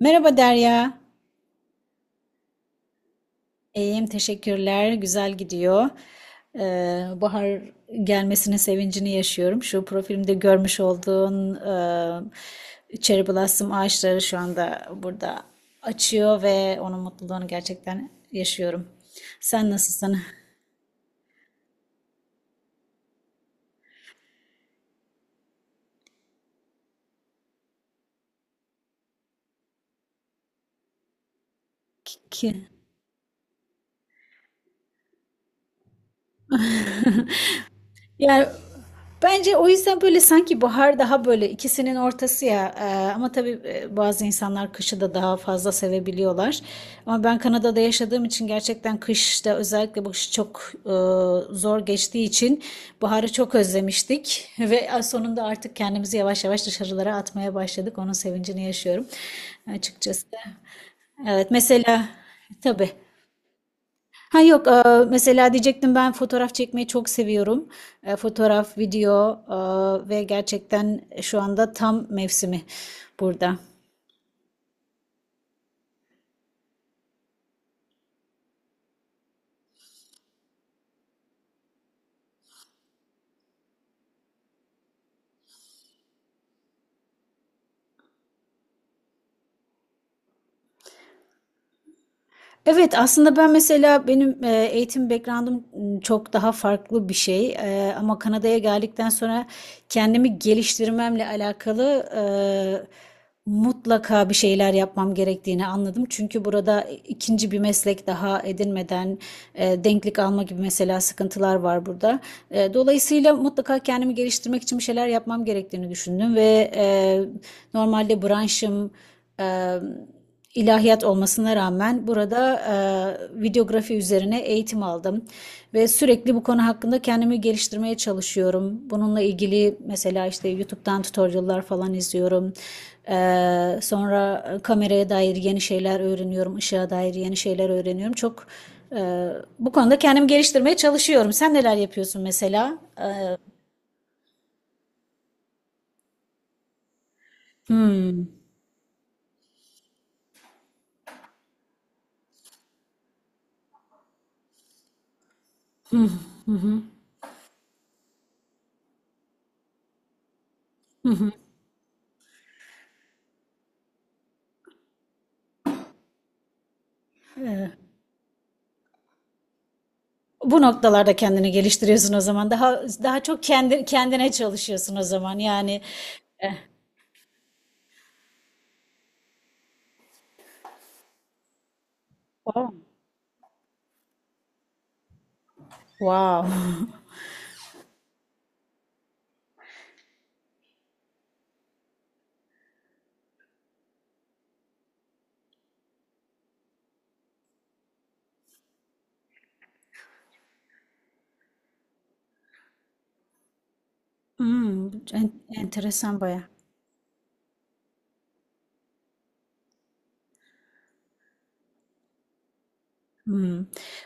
Merhaba Derya. İyiyim, teşekkürler. Güzel gidiyor. Bahar gelmesinin sevincini yaşıyorum. Şu profilimde görmüş olduğun cherry blossom ağaçları şu anda burada açıyor ve onun mutluluğunu gerçekten yaşıyorum. Sen nasılsın? Yani bence o yüzden böyle sanki bahar daha böyle ikisinin ortası ya. Ama tabii bazı insanlar kışı da daha fazla sevebiliyorlar. Ama ben Kanada'da yaşadığım için gerçekten kışta özellikle bu kış çok zor geçtiği için baharı çok özlemiştik. Ve sonunda artık kendimizi yavaş yavaş dışarılara atmaya başladık. Onun sevincini yaşıyorum açıkçası. Evet, mesela tabii. Ha yok, mesela diyecektim, ben fotoğraf çekmeyi çok seviyorum. Fotoğraf, video, ve gerçekten şu anda tam mevsimi burada. Evet, aslında ben mesela benim eğitim background'um çok daha farklı bir şey. E, ama Kanada'ya geldikten sonra kendimi geliştirmemle alakalı mutlaka bir şeyler yapmam gerektiğini anladım. Çünkü burada ikinci bir meslek daha edinmeden denklik alma gibi mesela sıkıntılar var burada. Dolayısıyla mutlaka kendimi geliştirmek için bir şeyler yapmam gerektiğini düşündüm ve normalde branşım e, ilahiyat olmasına rağmen burada videografi üzerine eğitim aldım ve sürekli bu konu hakkında kendimi geliştirmeye çalışıyorum. Bununla ilgili mesela işte YouTube'dan tutorial'lar falan izliyorum. Sonra kameraya dair yeni şeyler öğreniyorum, ışığa dair yeni şeyler öğreniyorum. Çok e, bu konuda kendimi geliştirmeye çalışıyorum. Sen neler yapıyorsun mesela? Bu noktalarda kendini geliştiriyorsun o zaman. Daha çok kendi kendine çalışıyorsun o zaman. Yani. e, Oh. Wow. Hmm, enteresan baya. Hmm.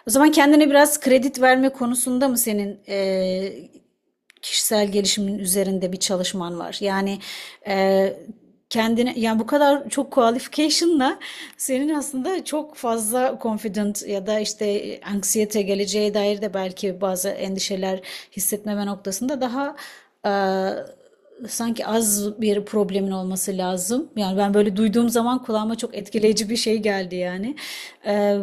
O zaman kendine biraz kredi verme konusunda mı senin kişisel gelişimin üzerinde bir çalışman var? Yani e, kendine, yani bu kadar çok qualification'la senin aslında çok fazla confident ya da işte anksiyete, geleceğe dair de belki bazı endişeler hissetmeme noktasında daha e, sanki az bir problemin olması lazım. Yani ben böyle duyduğum zaman kulağıma çok etkileyici bir şey geldi yani. E,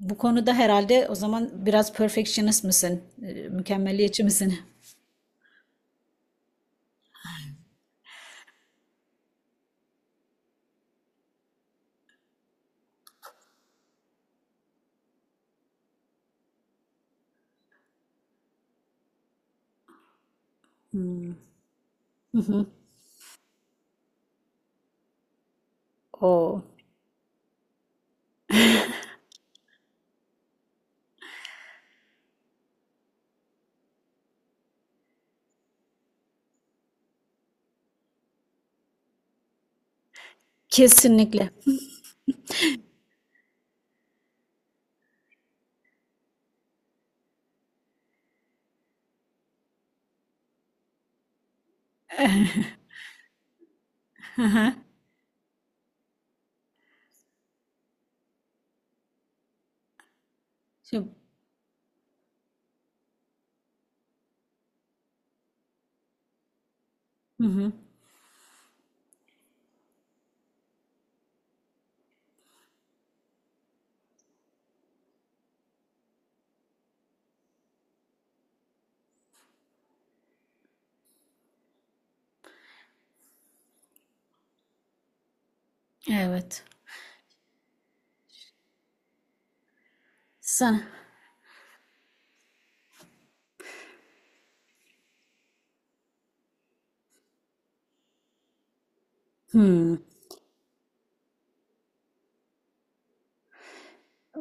Bu konuda herhalde o zaman biraz perfectionist misin? E, mükemmeliyetçi misin? Hmm. O kesinlikle. Şimdi- Hı hı. Evet. Sen.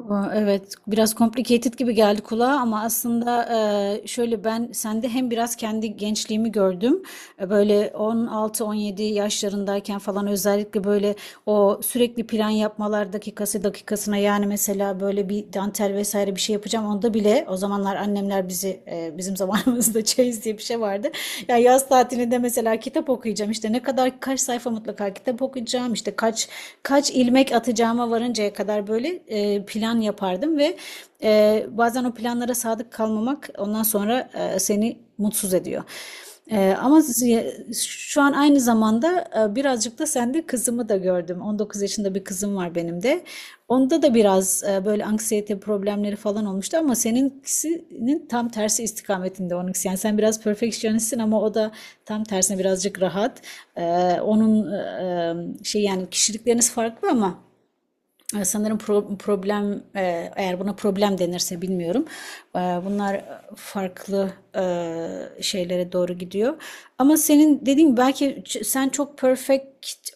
Aa, evet, biraz complicated gibi geldi kulağa, ama aslında şöyle, ben sende hem biraz kendi gençliğimi gördüm. Böyle 16-17 yaşlarındayken falan, özellikle böyle o sürekli plan yapmalar, dakikası dakikasına. Yani mesela böyle bir dantel vesaire bir şey yapacağım, onda bile o zamanlar annemler bizi bizim zamanımızda çeyiz diye bir şey vardı. Ya yaz tatilinde mesela kitap okuyacağım, işte ne kadar, kaç sayfa mutlaka kitap okuyacağım, işte kaç ilmek atacağıma varıncaya kadar böyle plan yapardım ve bazen o planlara sadık kalmamak ondan sonra seni mutsuz ediyor. Ama şu an aynı zamanda birazcık da sende kızımı da gördüm. 19 yaşında bir kızım var benim de. Onda da biraz böyle anksiyete problemleri falan olmuştu, ama seninkisinin tam tersi istikametinde onunkisi. Yani sen biraz perfectionistsin ama o da tam tersine birazcık rahat. E, Onun şey, yani kişilikleriniz farklı ama sanırım problem, eğer buna problem denirse bilmiyorum. E, Bunlar farklı e, şeylere doğru gidiyor. Ama senin dediğin belki, sen çok perfect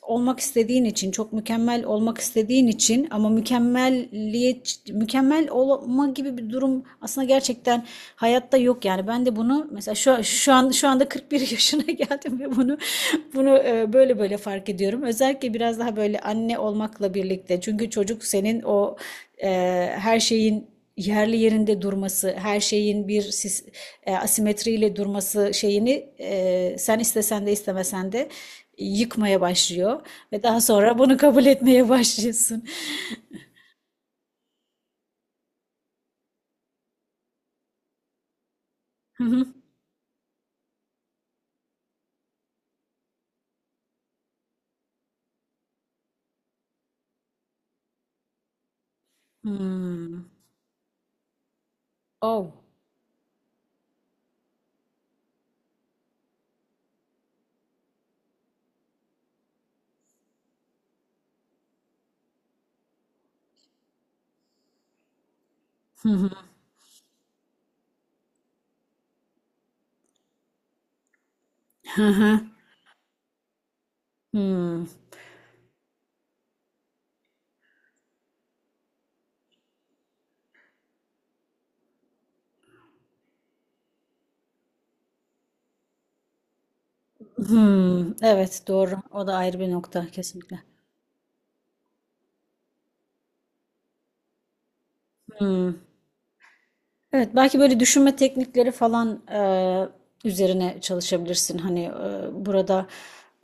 olmak istediğin için, çok mükemmel olmak istediğin için, ama mükemmelliyet, mükemmel olma gibi bir durum aslında gerçekten hayatta yok yani. Ben de bunu mesela şu an, şu anda 41 yaşına geldim ve bunu böyle fark ediyorum. Özellikle biraz daha böyle anne olmakla birlikte. Çünkü çocuk senin o e, her şeyin yerli yerinde durması, her şeyin bir asimetriyle durması şeyini sen istesen de istemesen de yıkmaya başlıyor ve daha sonra bunu kabul etmeye başlıyorsun. Hı. Hmm. Oh. Hmm. Hmm, evet, doğru. O da ayrı bir nokta kesinlikle. Hmm, evet, belki böyle düşünme teknikleri falan, üzerine çalışabilirsin. Hani, burada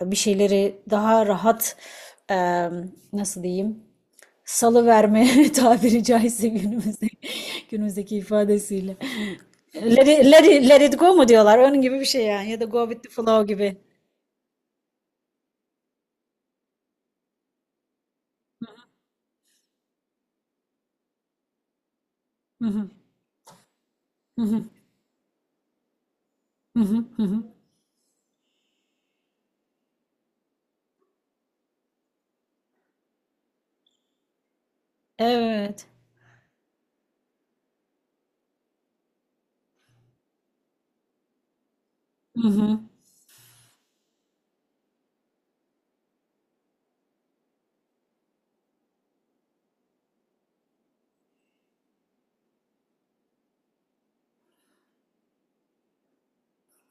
bir şeyleri daha rahat, nasıl diyeyim, salıverme tabiri caizse, günümüzde günümüzdeki ifadesiyle. Let it let it go mu diyorlar? Onun gibi bir şey yani, ya da go with the flow gibi. Hı hı. Hı hı. Hı hı. Hı hı. Evet. Hı hı.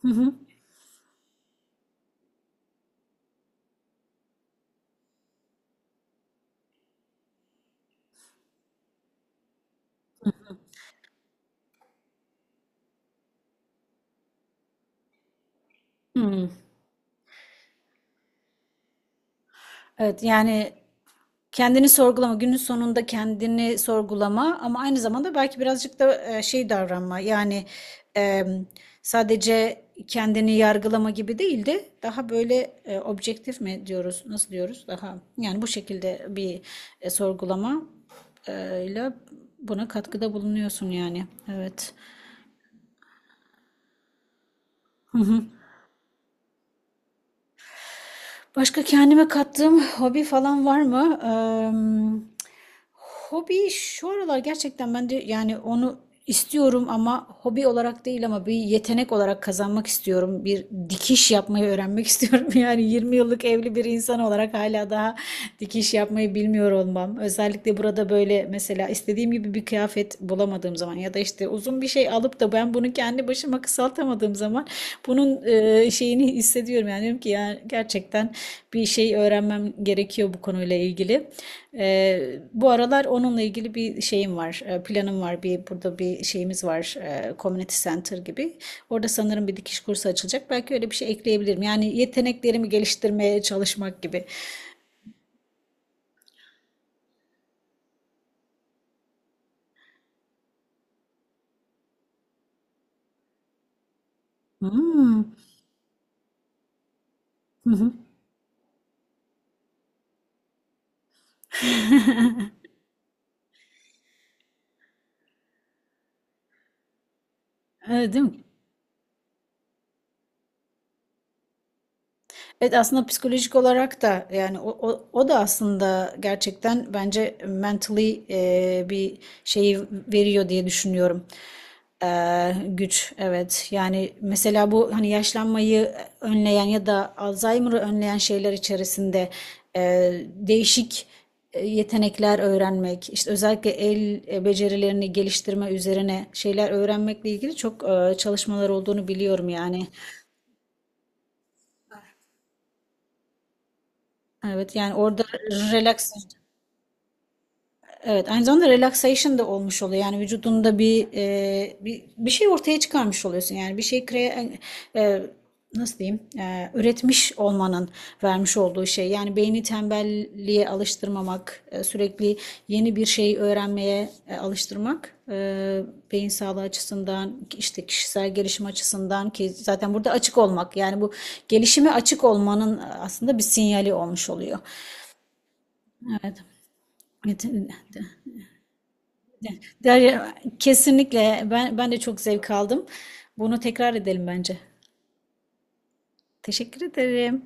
Hı hı. Hımm. Evet, yani kendini sorgulama, günün sonunda kendini sorgulama, ama aynı zamanda belki birazcık da şey davranma. Yani e, sadece kendini yargılama gibi değil de daha böyle objektif mi diyoruz, nasıl diyoruz? Daha yani bu şekilde bir sorgulama ile buna katkıda bulunuyorsun yani. Evet. Başka kendime kattığım hobi falan var mı? Hobi şu aralar gerçekten ben de yani onu istiyorum ama hobi olarak değil, ama bir yetenek olarak kazanmak istiyorum. Bir dikiş yapmayı öğrenmek istiyorum. Yani 20 yıllık evli bir insan olarak hala daha dikiş yapmayı bilmiyor olmam. Özellikle burada böyle mesela istediğim gibi bir kıyafet bulamadığım zaman ya da işte uzun bir şey alıp da ben bunu kendi başıma kısaltamadığım zaman bunun şeyini hissediyorum. Yani diyorum ki ya gerçekten bir şey öğrenmem gerekiyor bu konuyla ilgili. Bu aralar onunla ilgili bir şeyim var, planım var. Bir burada bir şeyimiz var, community center gibi. Orada sanırım bir dikiş kursu açılacak. Belki öyle bir şey ekleyebilirim. Yani yeteneklerimi geliştirmeye çalışmak gibi. Hmm. Hı hı. Evet, değil mi? Evet, aslında psikolojik olarak da yani o da aslında gerçekten bence mentally bir şeyi veriyor diye düşünüyorum. Güç, evet, yani mesela bu hani yaşlanmayı önleyen ya da Alzheimer'ı önleyen şeyler içerisinde değişik yetenekler öğrenmek, işte özellikle el becerilerini geliştirme üzerine şeyler öğrenmekle ilgili çok çalışmalar olduğunu biliyorum yani. Evet yani orada relax. Evet, aynı zamanda relaxation da olmuş oluyor. Yani vücudunda bir bir şey ortaya çıkarmış oluyorsun. Yani bir şey e, nasıl diyeyim? E, üretmiş olmanın vermiş olduğu şey. Yani beyni tembelliğe alıştırmamak, sürekli yeni bir şey öğrenmeye alıştırmak, beyin sağlığı açısından, işte kişisel gelişim açısından, ki zaten burada açık olmak. Yani bu gelişime açık olmanın aslında bir sinyali olmuş oluyor. Evet. Evet. Evet. Derya, kesinlikle ben de çok zevk aldım. Bunu tekrar edelim bence. Teşekkür ederim.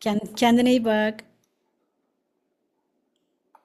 Kendine iyi bak.